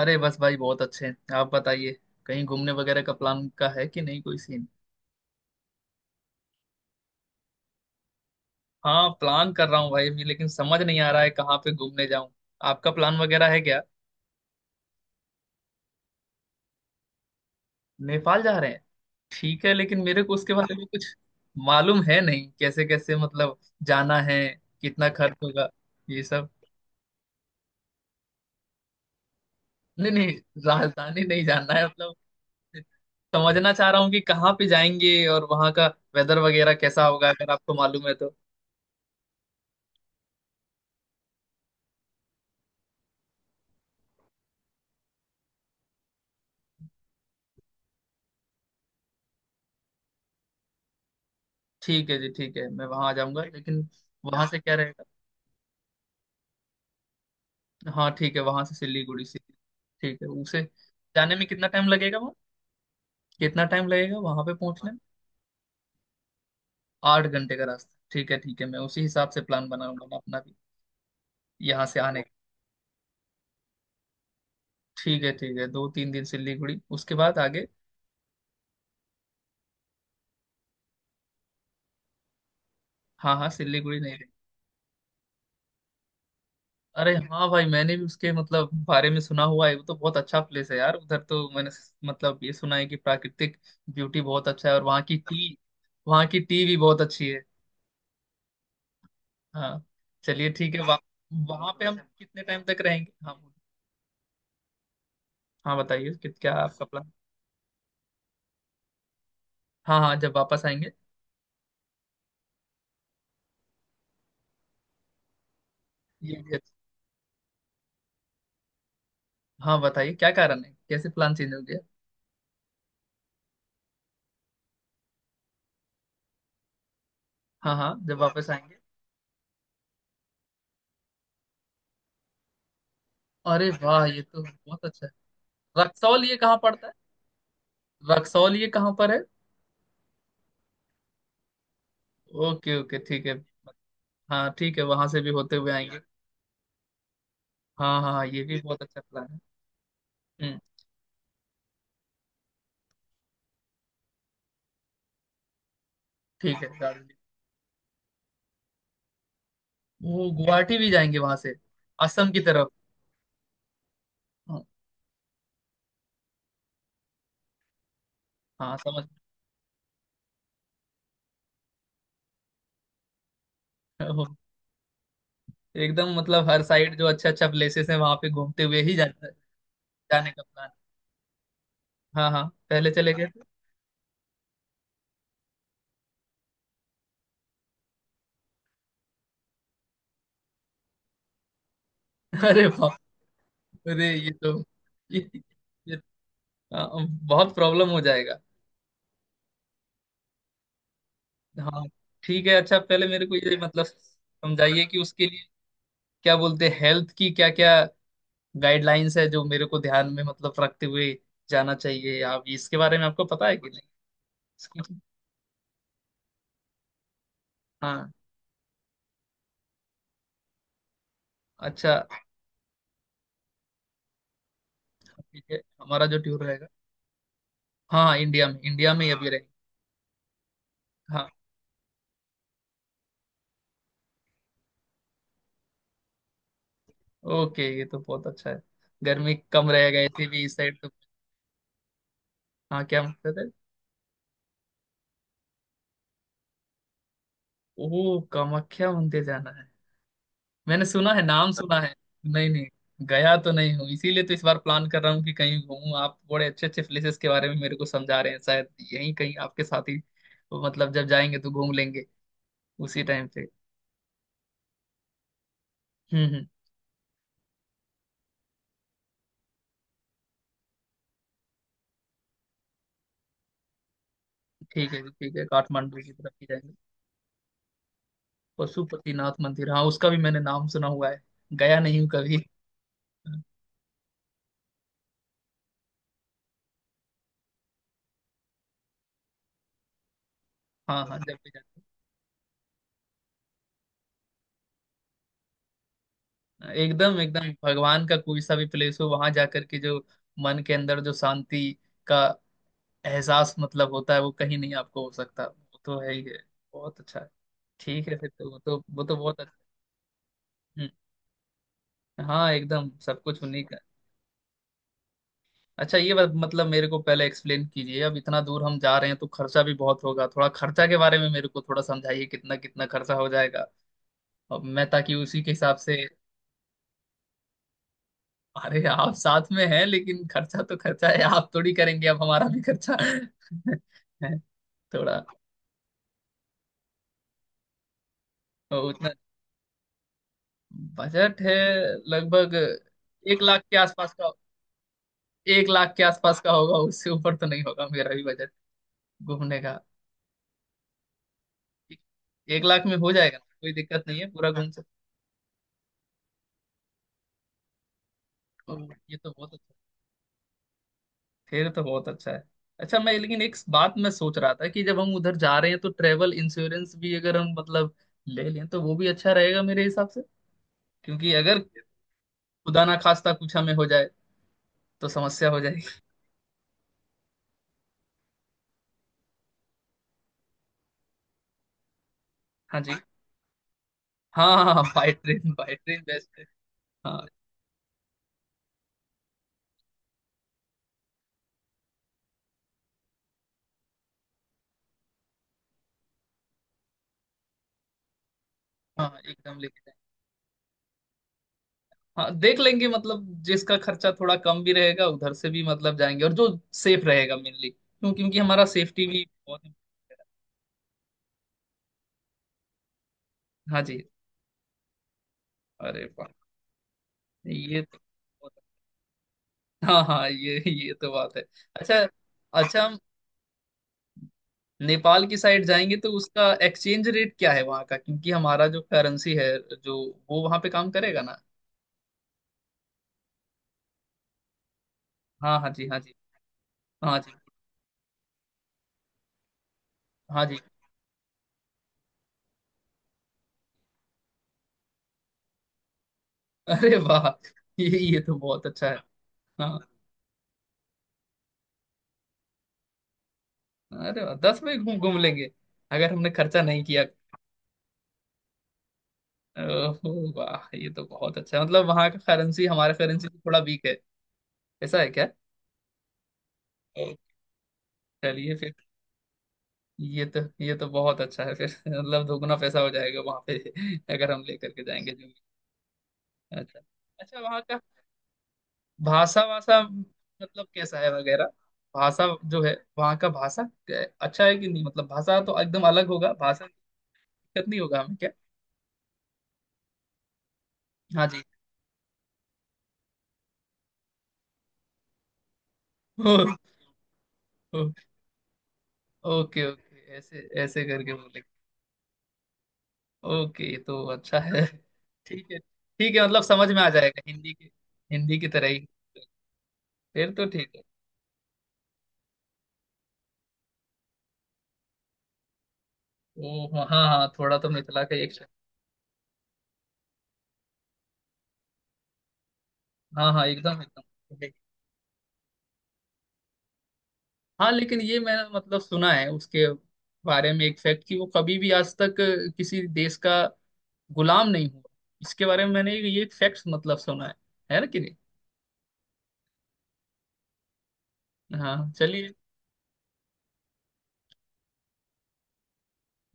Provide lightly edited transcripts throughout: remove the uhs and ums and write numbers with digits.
अरे बस भाई बहुत अच्छे हैं। आप बताइए, कहीं घूमने वगैरह का प्लान का है कि नहीं, कोई सीन? हाँ, प्लान कर रहा हूँ भाई अभी, लेकिन समझ नहीं आ रहा है कहाँ पे घूमने जाऊँ। आपका प्लान वगैरह है क्या? नेपाल जा रहे हैं? ठीक है, लेकिन मेरे को उसके बारे में कुछ मालूम है नहीं। कैसे कैसे जाना है, कितना खर्च होगा, ये सब? नहीं नहीं, राजधानी नहीं जानना है। समझना चाह रहा हूँ कि कहाँ पे जाएंगे और वहाँ का वेदर वगैरह कैसा होगा, अगर आपको मालूम है तो। ठीक है जी, ठीक है, मैं वहां आ जाऊंगा। लेकिन वहां से क्या रहेगा? हाँ ठीक है, वहां से सिलीगुड़ी से ठीक है उसे जाने में कितना टाइम लगेगा वहाँ? कितना टाइम लगेगा वहां पे पहुंचने में? आठ घंटे का रास्ता, ठीक है ठीक है, मैं उसी हिसाब से प्लान बनाऊंगा, मैं अपना भी यहाँ से आने का। ठीक है ठीक है, दो तीन दिन सिलीगुड़ी, उसके बाद आगे। हाँ हाँ, सिलीगुड़ी नहीं रही। अरे हाँ भाई, मैंने भी उसके बारे में सुना हुआ है, वो तो बहुत अच्छा प्लेस है यार। उधर तो मैंने ये सुना है कि प्राकृतिक ब्यूटी बहुत अच्छा है, और वहाँ की टी, वहाँ की टी भी बहुत अच्छी है। हाँ, चलिए ठीक है। वहाँ, वहां पे हम कितने टाइम तक रहेंगे? हाँ हाँ, बताइए कि क्या आपका प्लान। हाँ हाँ, जब वापस आएंगे। ये भी अच्छा- हाँ, बताइए क्या कारण है, कैसे प्लान चेंज हो गया? हाँ हाँ, जब वापस आएंगे। अरे वाह, ये तो बहुत अच्छा है। रक्सौल ये कहाँ पड़ता है? रक्सौल ये कहाँ पर है? ओके ओके, ठीक है। हाँ ठीक है, वहां से भी होते हुए आएंगे। हाँ हाँ हाँ, ये भी बहुत अच्छा प्लान है। हम्म। ठीक है, दार्जिलिंग। वो गुवाहाटी भी जाएंगे वहां से? असम की तरफ? हाँ हाँ, समझ। एकदम हर साइड जो अच्छा अच्छा प्लेसेस है वहां पे घूमते हुए ही जाने, जाने का प्लान। हाँ हाँ, पहले चले गए थे। अरे बाप। अरे ये तो, ये, ये बहुत प्रॉब्लम हो जाएगा। हाँ ठीक है। अच्छा, पहले मेरे को ये समझाइए कि उसके लिए क्या बोलते हैं, हेल्थ की क्या क्या गाइडलाइंस है जो मेरे को ध्यान में रखते हुए जाना चाहिए। आप इसके बारे में, आपको पता है कि नहीं? इसको- हाँ। अच्छा, ठीक है, हमारा जो टूर रहेगा। हाँ, इंडिया में, इंडिया में ही अभी रहेगा। हाँ। ओके, ये तो बहुत अच्छा है, गर्मी कम रहेगा ऐसे भी इस साइड तो। हाँ, क्या मतलब है? ओ, कामाख्या मंदिर जाना है? मैंने सुना है, नाम सुना है। नहीं नहीं, गया तो नहीं हूँ, इसीलिए तो इस बार प्लान कर रहा हूँ कि कहीं घूमूं। आप बड़े अच्छे अच्छे प्लेसेस के बारे में मेरे को समझा रहे हैं, शायद यहीं कहीं आपके साथ ही जब जाएंगे तो घूम लेंगे, उसी टाइम पे। हम्म। ठीक है जी, ठीक है, काठमांडू की तरफ ही जाएंगे। पशुपतिनाथ मंदिर, हाँ उसका भी मैंने नाम सुना हुआ है, गया नहीं हूँ कभी। हाँ हाँ, जब भी जाएंगे, एकदम एकदम भगवान का कोई सा भी प्लेस हो, वहां जाकर के जो मन के अंदर जो शांति का एहसास होता है, वो कहीं नहीं आपको हो सकता, वो तो है ही है, बहुत अच्छा है। ठीक है फिर तो, वो तो बहुत अच्छा। हम्म, हाँ एकदम सब कुछ उन्हीं का। अच्छा, ये बात मेरे को पहले एक्सप्लेन कीजिए, अब इतना दूर हम जा रहे हैं तो खर्चा भी बहुत होगा। थोड़ा खर्चा के बारे में मेरे को थोड़ा समझाइए, कितना कितना खर्चा हो जाएगा अब मैं, ताकि उसी के हिसाब से। अरे, आप साथ में हैं, लेकिन खर्चा तो खर्चा है, आप थोड़ी करेंगे, अब हमारा भी खर्चा है थोड़ा। तो उतना बजट है लगभग, एक लाख के आसपास का, एक लाख के आसपास का होगा, उससे ऊपर तो नहीं होगा मेरा भी बजट घूमने का। एक लाख में हो जाएगा, कोई दिक्कत नहीं है, पूरा घूम सकते हो। ये तो बहुत अच्छा, फिर तो बहुत अच्छा है। अच्छा मैं लेकिन एक बात मैं सोच रहा था कि जब हम उधर जा रहे हैं तो ट्रेवल इंश्योरेंस भी अगर हम ले लें तो वो भी अच्छा रहेगा मेरे हिसाब, क्योंकि अगर खुदा ना खास्ता कुछ हमें हो जाए तो समस्या हो जाएगी। हाँ जी। हाँ हाँ हाँ, by train, by train best है। हाँ हाँ हाँ, एकदम लेके जाएंगे। हाँ देख लेंगे, जिसका खर्चा थोड़ा कम भी रहेगा उधर से भी जाएंगे, और जो सेफ रहेगा मेनली, क्यों क्योंकि हमारा सेफ्टी भी बहुत important है। हाँ जी। अरे वाह, ये तो बहुत- हाँ हाँ, ये तो बात है। अच्छा, अच्छा हम नेपाल की साइड जाएंगे तो उसका एक्सचेंज रेट क्या है वहाँ का, क्योंकि हमारा जो करेंसी है, जो वो वहाँ पे काम करेगा ना? हाँ हाँ जी, हाँ जी। हाँ जी, हाँ जी। अरे वाह, ये तो बहुत अच्छा है। हाँ। अरे वाह, दस में घूम घूम लेंगे, अगर हमने खर्चा नहीं किया। ओह वाह, ये तो बहुत अच्छा है। वहाँ का करेंसी हमारा करेंसी से थोड़ा वीक है, ऐसा है क्या? चलिए फिर, ये तो बहुत अच्छा है फिर। दोगुना पैसा हो जाएगा वहाँ पे अगर हम लेकर के जाएंगे, जो भी। अच्छा, अच्छा वहाँ का भाषा वासा कैसा है वगैरह? भाषा जो है, वहाँ का भाषा क्या है? अच्छा है कि नहीं? भाषा तो एकदम अलग होगा, भाषा में दिक्कत नहीं होगा हमें क्या? हाँ जी। ओ, ओ ओके ओके, ऐसे ऐसे करके बोले। ओके तो अच्छा है। ठीक है ठीक है, समझ में आ जाएगा, हिंदी के, हिंदी की तरह ही, फिर तो ठीक है। ओ हाँ हाँ, थोड़ा तो मिथिला का एक। हाँ हाँ, एकदम एकदम। हाँ, लेकिन ये मैंने सुना है उसके बारे में एक फैक्ट, कि वो कभी भी आज तक किसी देश का गुलाम नहीं हुआ। इसके बारे में मैंने ये फैक्ट सुना है ना कि नहीं? हाँ चलिए।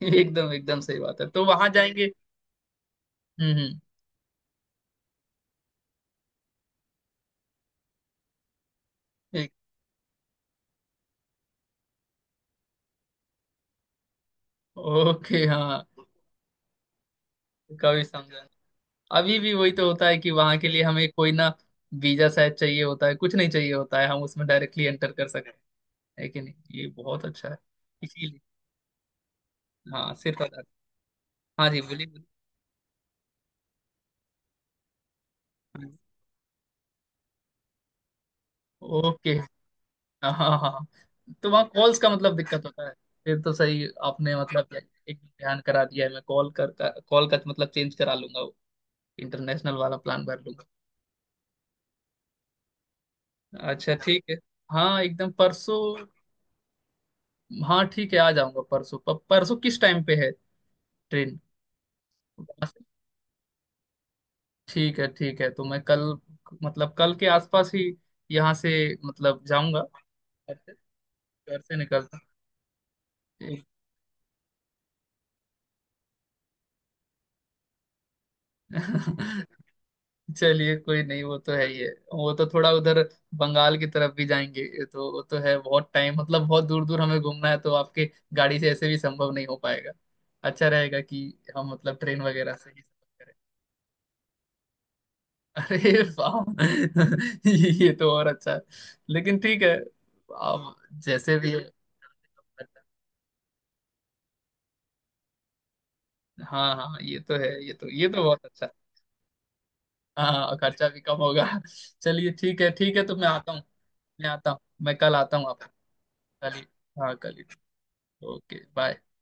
एकदम एकदम सही बात है, तो वहां जाएंगे। हम्म। एक- ओके हाँ। कभी समझा। अभी भी वही तो होता है कि वहां के लिए हमें कोई ना, वीजा शायद चाहिए होता है? कुछ नहीं चाहिए होता है, हम उसमें डायरेक्टली एंटर कर सकते हैं, है कि नहीं? ये बहुत अच्छा है, इसीलिए। हाँ, सिर्फ आधार। हाँ जी, बोलिए बोलिए। हाँ। ओके। हाँ हाँ हाँ। तो वहाँ कॉल्स का दिक्कत होता है? फिर तो सही आपने एक ध्यान करा दिया है, मैं कॉल का चेंज करा लूंगा वो, इंटरनेशनल वाला प्लान भर लूंगा। अच्छा ठीक है, हाँ एकदम परसों। हाँ ठीक है, आ जाऊंगा परसों। परसों किस टाइम पे है ट्रेन? ठीक है ठीक है, तो मैं कल कल के आसपास ही यहाँ से जाऊंगा। घर से, घर से निकलता। ठीक। चलिए कोई नहीं, वो तो है ही है। वो तो थोड़ा उधर बंगाल की तरफ भी जाएंगे, ये तो वो तो है, बहुत टाइम बहुत दूर दूर हमें घूमना है, तो आपके गाड़ी से ऐसे भी संभव नहीं हो पाएगा। अच्छा रहेगा कि हम ट्रेन वगैरह से ही सफर करें। अरे वाह। ये तो और अच्छा है, लेकिन ठीक है आप जैसे भी। हाँ हाँ ये तो है, ये तो बहुत अच्छा। हाँ, और खर्चा भी कम होगा। चलिए ठीक है ठीक है, तो मैं आता हूँ, मैं आता हूँ, मैं कल आता हूँ आप। कल ही, हाँ कल ही। Okay, bye.